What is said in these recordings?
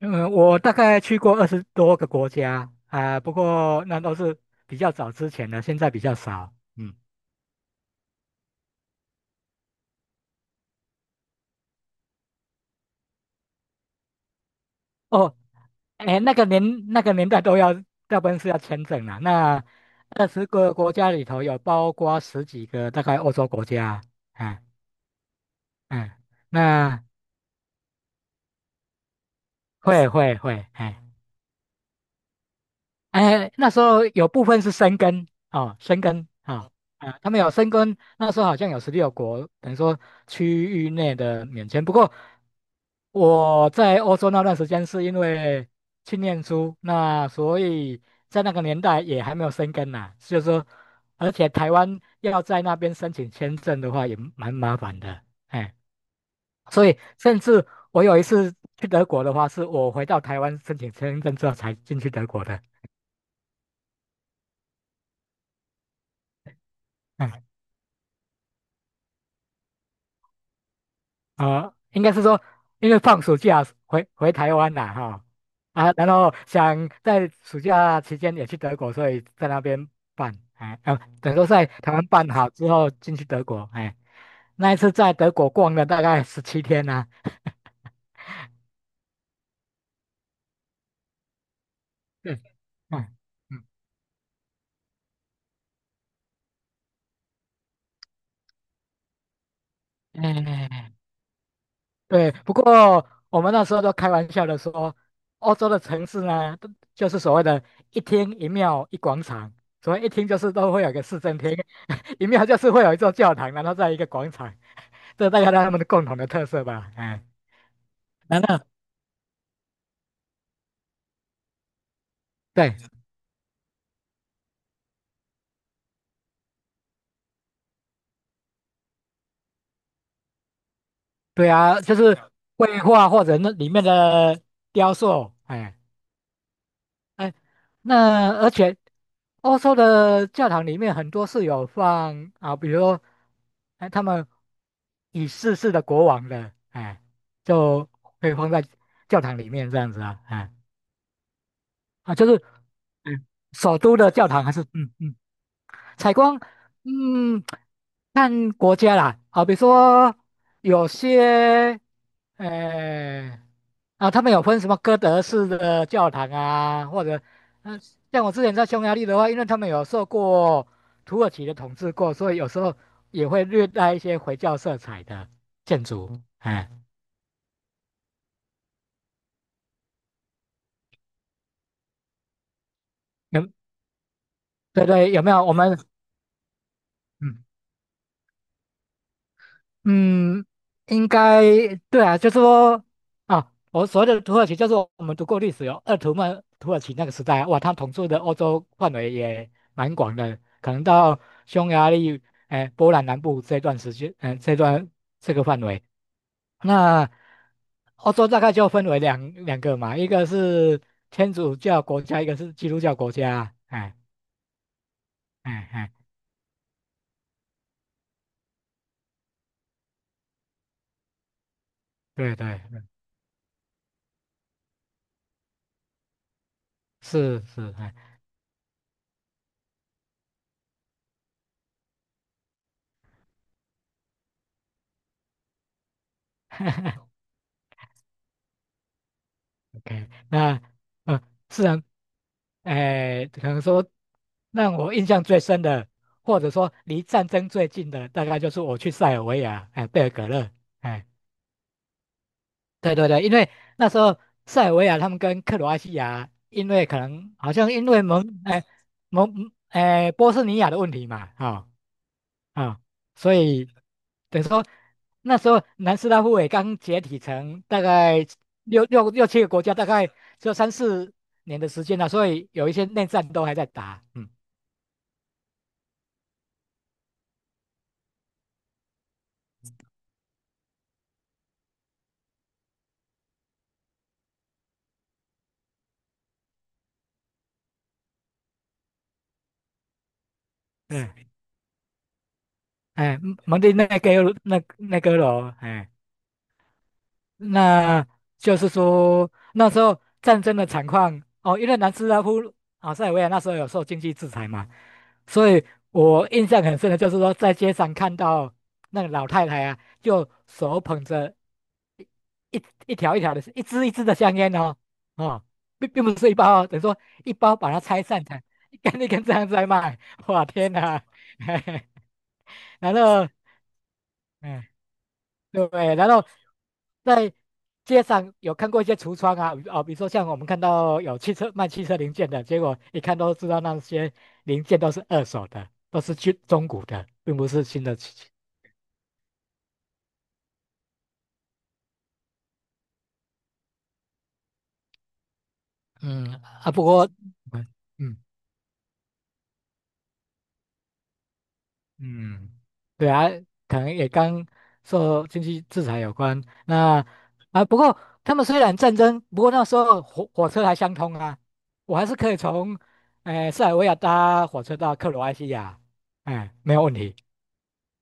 嗯，我大概去过20多个国家啊，不过那都是比较早之前的，现在比较少。嗯，哦，哎，那个年代都要，大部分是要签证啦。那20个国家里头有包括10几个大概欧洲国家，哎，嗯，那会，哎哎，那时候有部分是申根哦，申根啊。啊，他们有申根，那时候好像有16国，等于说区域内的免签。不过我在欧洲那段时间是因为去念书，那所以在那个年代也还没有生根呐，所以说，而且台湾要在那边申请签证的话也蛮麻烦的，哎，所以甚至我有一次去德国的话，是我回到台湾申请签证之后才进去德国的，嗯。啊，应该是说，因为放暑假回台湾啦，哈，啊，然后想在暑假期间也去德国，所以在那边办，哎，啊，等于说在台湾办好之后进去德国，哎，那一次在德国逛了大概17天呐。啊，对，嗯嗯，哎。对，不过我们那时候都开玩笑的说，欧洲的城市呢，都就是所谓的一厅一庙一广场。所谓一厅就是都会有一个市政厅，一庙就是会有一座教堂，然后在一个广场，这大概他们的共同的特色吧。哎，那那对，对啊，就是绘画或者那里面的雕塑，哎。哎，那而且欧洲的教堂里面很多是有放啊，比如说哎他们已逝世的国王的，哎，就会放在教堂里面这样子啊，哎，啊，就是嗯，首都的教堂还是嗯嗯。采光，嗯，看国家啦，好比说有些，呃，啊，他们有分什么哥德式的教堂啊，或者，嗯，像我之前在匈牙利的话，因为他们有受过土耳其的统治过，所以有时候也会略带一些回教色彩的建筑，哎，有，对对，有没有？我们，嗯嗯，应该对啊，就是说啊，我所谓的土耳其，就是我们读过历史有鄂图曼土耳其那个时代啊，哇，他统治的欧洲范围也蛮广的，可能到匈牙利、哎、波兰南部这段时间，嗯，这段这个范围，那欧洲大概就分为两个嘛，一个是天主教国家，一个是基督教国家，哎哎哎，对对，是是，哎。OK，那呃，是然，哎，可能说让我印象最深的，或者说离战争最近的，大概就是我去塞尔维亚，哎、贝尔格勒，哎，对对对，因为那时候塞尔维亚他们跟克罗埃西亚，因为可能好像因为蒙，哎、蒙，哎，波斯尼亚的问题嘛。啊，啊，所以等于说那时候南斯拉夫也刚解体成大概六七个国家，大概只有三四年的时间了，所以有一些内战都还在打。嗯，对，哎，蒙蒂内哥那那哥罗，哎。那就是说那时候战争的惨况哦，因为南斯拉夫啊塞尔维亚那时候有受经济制裁嘛，所以我印象很深的就是说在街上看到那个老太太啊，就手捧着一条一条的，一支一支的香烟哦，哦，并不是一包哦，等于说一包把它拆散成一根一根这样子来卖。哇，天哪，然后。嗯，对，不对？然后在街上有看过一些橱窗啊，啊，比如说像我们看到有汽车卖汽车零件的，结果一看都知道那些零件都是二手的，都是去中古的，并不是新的汽，嗯啊，不过，嗯嗯，对啊，可能也跟受经济制裁有关。那啊，不过他们虽然战争，不过那时候火车还相通啊，我还是可以从，塞尔维亚搭火车到克罗埃西亚，哎，没有问题。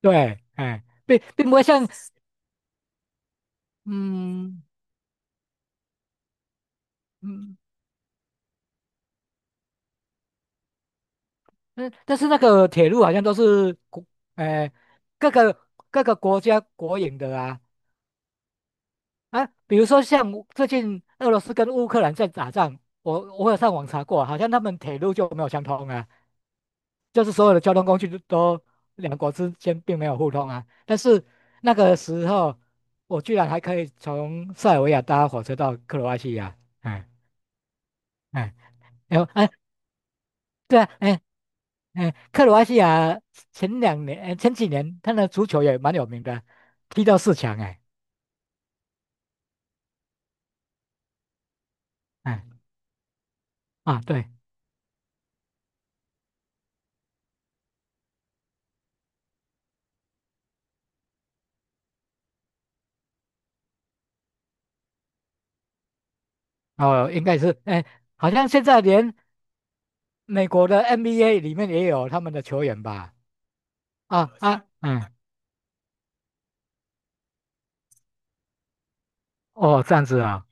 对，哎，并不会像，嗯嗯，但但是那个铁路好像都是国，哎，各个各个国家国营的啊。啊，比如说像最近俄罗斯跟乌克兰在打仗，我有上网查过，好像他们铁路就没有相通啊，就是所有的交通工具都都两国之间并没有互通啊。但是那个时候，我居然还可以从塞尔维亚搭火车到克罗埃西亚，哎哎，然后哎，对啊，哎哎，克罗埃西亚前2年哎前几年他的足球也蛮有名的，踢到四强哎，哎，啊对，哦应该是哎，好像现在连美国的 NBA 里面也有他们的球员吧？啊，啊，嗯，哦，这样子啊，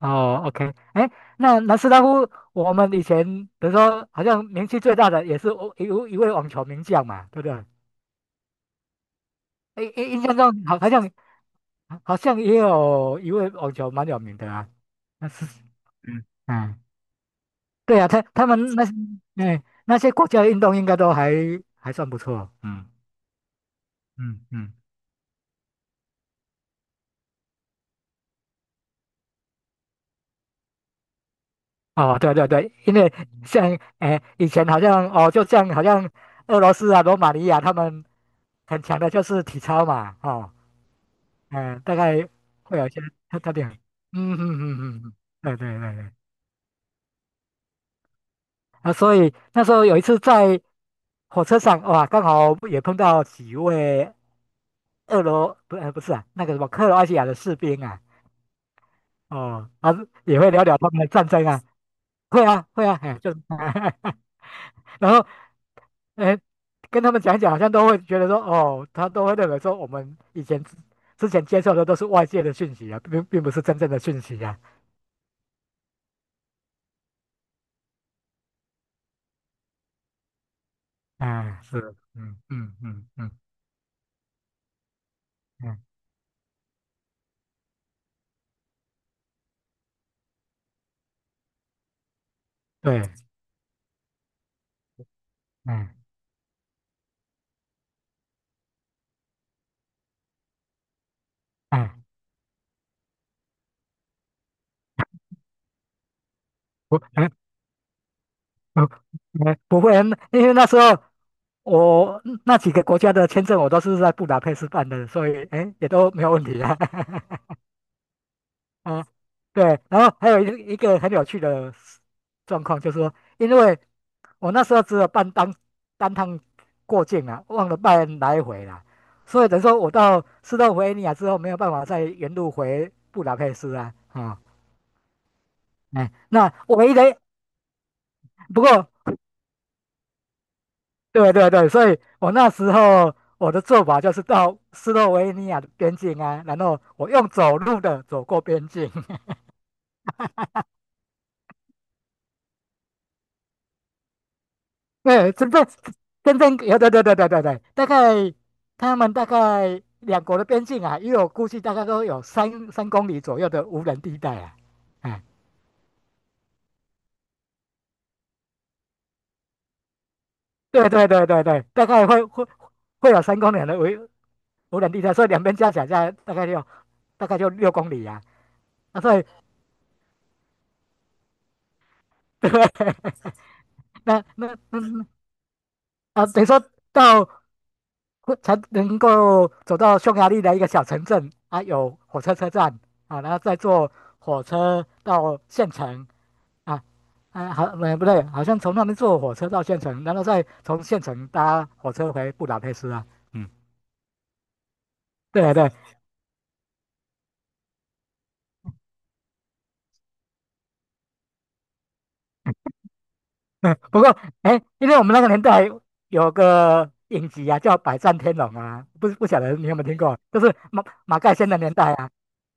哦，OK，哎，那南斯拉夫，我们以前比如说好像名气最大的也是哦一位网球名将嘛，对不对？哎，印象中好像好像也有一位网球蛮有名的啊，那是，嗯嗯，对啊，他他们那些，哎，那些国家运动应该都还还算不错，嗯嗯嗯，哦，对啊对啊对，因为像哎，以前好像哦，就像好像俄罗斯啊、罗马尼亚他们很强的就是体操嘛，哦，嗯，大概会有一些特特点，嗯嗯嗯嗯，对对对对，啊，所以那时候有一次在火车上，哇，刚好也碰到几位俄罗不呃不是啊，那个什么克罗埃西亚的士兵啊，哦，啊，也会聊聊他们的战争啊，会啊会啊，哎，就是 然后，哎，跟他们讲一讲，好像都会觉得说，哦，他都会认为说，我们以前之前接受的都是外界的讯息啊，并并不是真正的讯息啊。嗯，是，嗯嗯嗯嗯，嗯，对，嗯嗯，不，嗯不，哎不会啊，因为那时候我那几个国家的签证我都是在布达佩斯办的，所以哎，也都没有问题啊。嗯，对，然后还有一个很有趣的状况，就是说，因为我那时候只有办单趟过境啊，忘了办来回啦，所以等于说我到斯洛维尼亚之后，没有办法再原路回布达佩斯啊，啊，哎，那我唯一的不过，对对对，所以我那时候我的做法就是到斯洛维尼亚的边境啊，然后我用走路的走过边境。对，真正有对对对对对对，大概他们大概两国的边境啊，因为我估计大概都有三公里左右的无人地带啊，哎，对对对对对，大概会有三公里的无无人地带，所以两边加起来大概就6公里啊。啊，所以 对，那啊，等于说到才能够走到匈牙利的一个小城镇啊，有火车车站啊，然后再坐火车到县城。啊啊，好，不对，好像从那边坐火车到县城，然后再从县城搭火车回布达佩斯啊。嗯，对啊对，嗯，不过哎，因为我们那个年代有个影集啊，叫《百战天龙》啊，不晓得你有没有听过，就是马盖先的年代啊。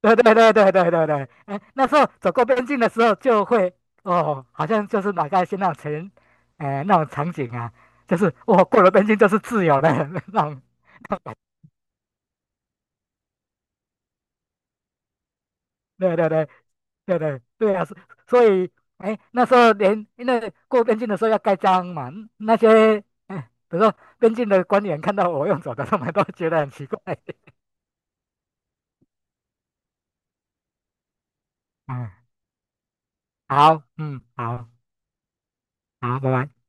对对对对对对对，哎，那时候走过边境的时候就会哦，好像就是马盖先那种情，哎，那种场景啊，就是我、哦过了边境就是自由的 那种。对对对对对，对啊，所以哎，那时候连因为过边境的时候要盖章嘛，那些哎，比如说边境的官员看到我用走的，他们都觉得很奇怪。嗯，好，嗯，好，好，拜拜。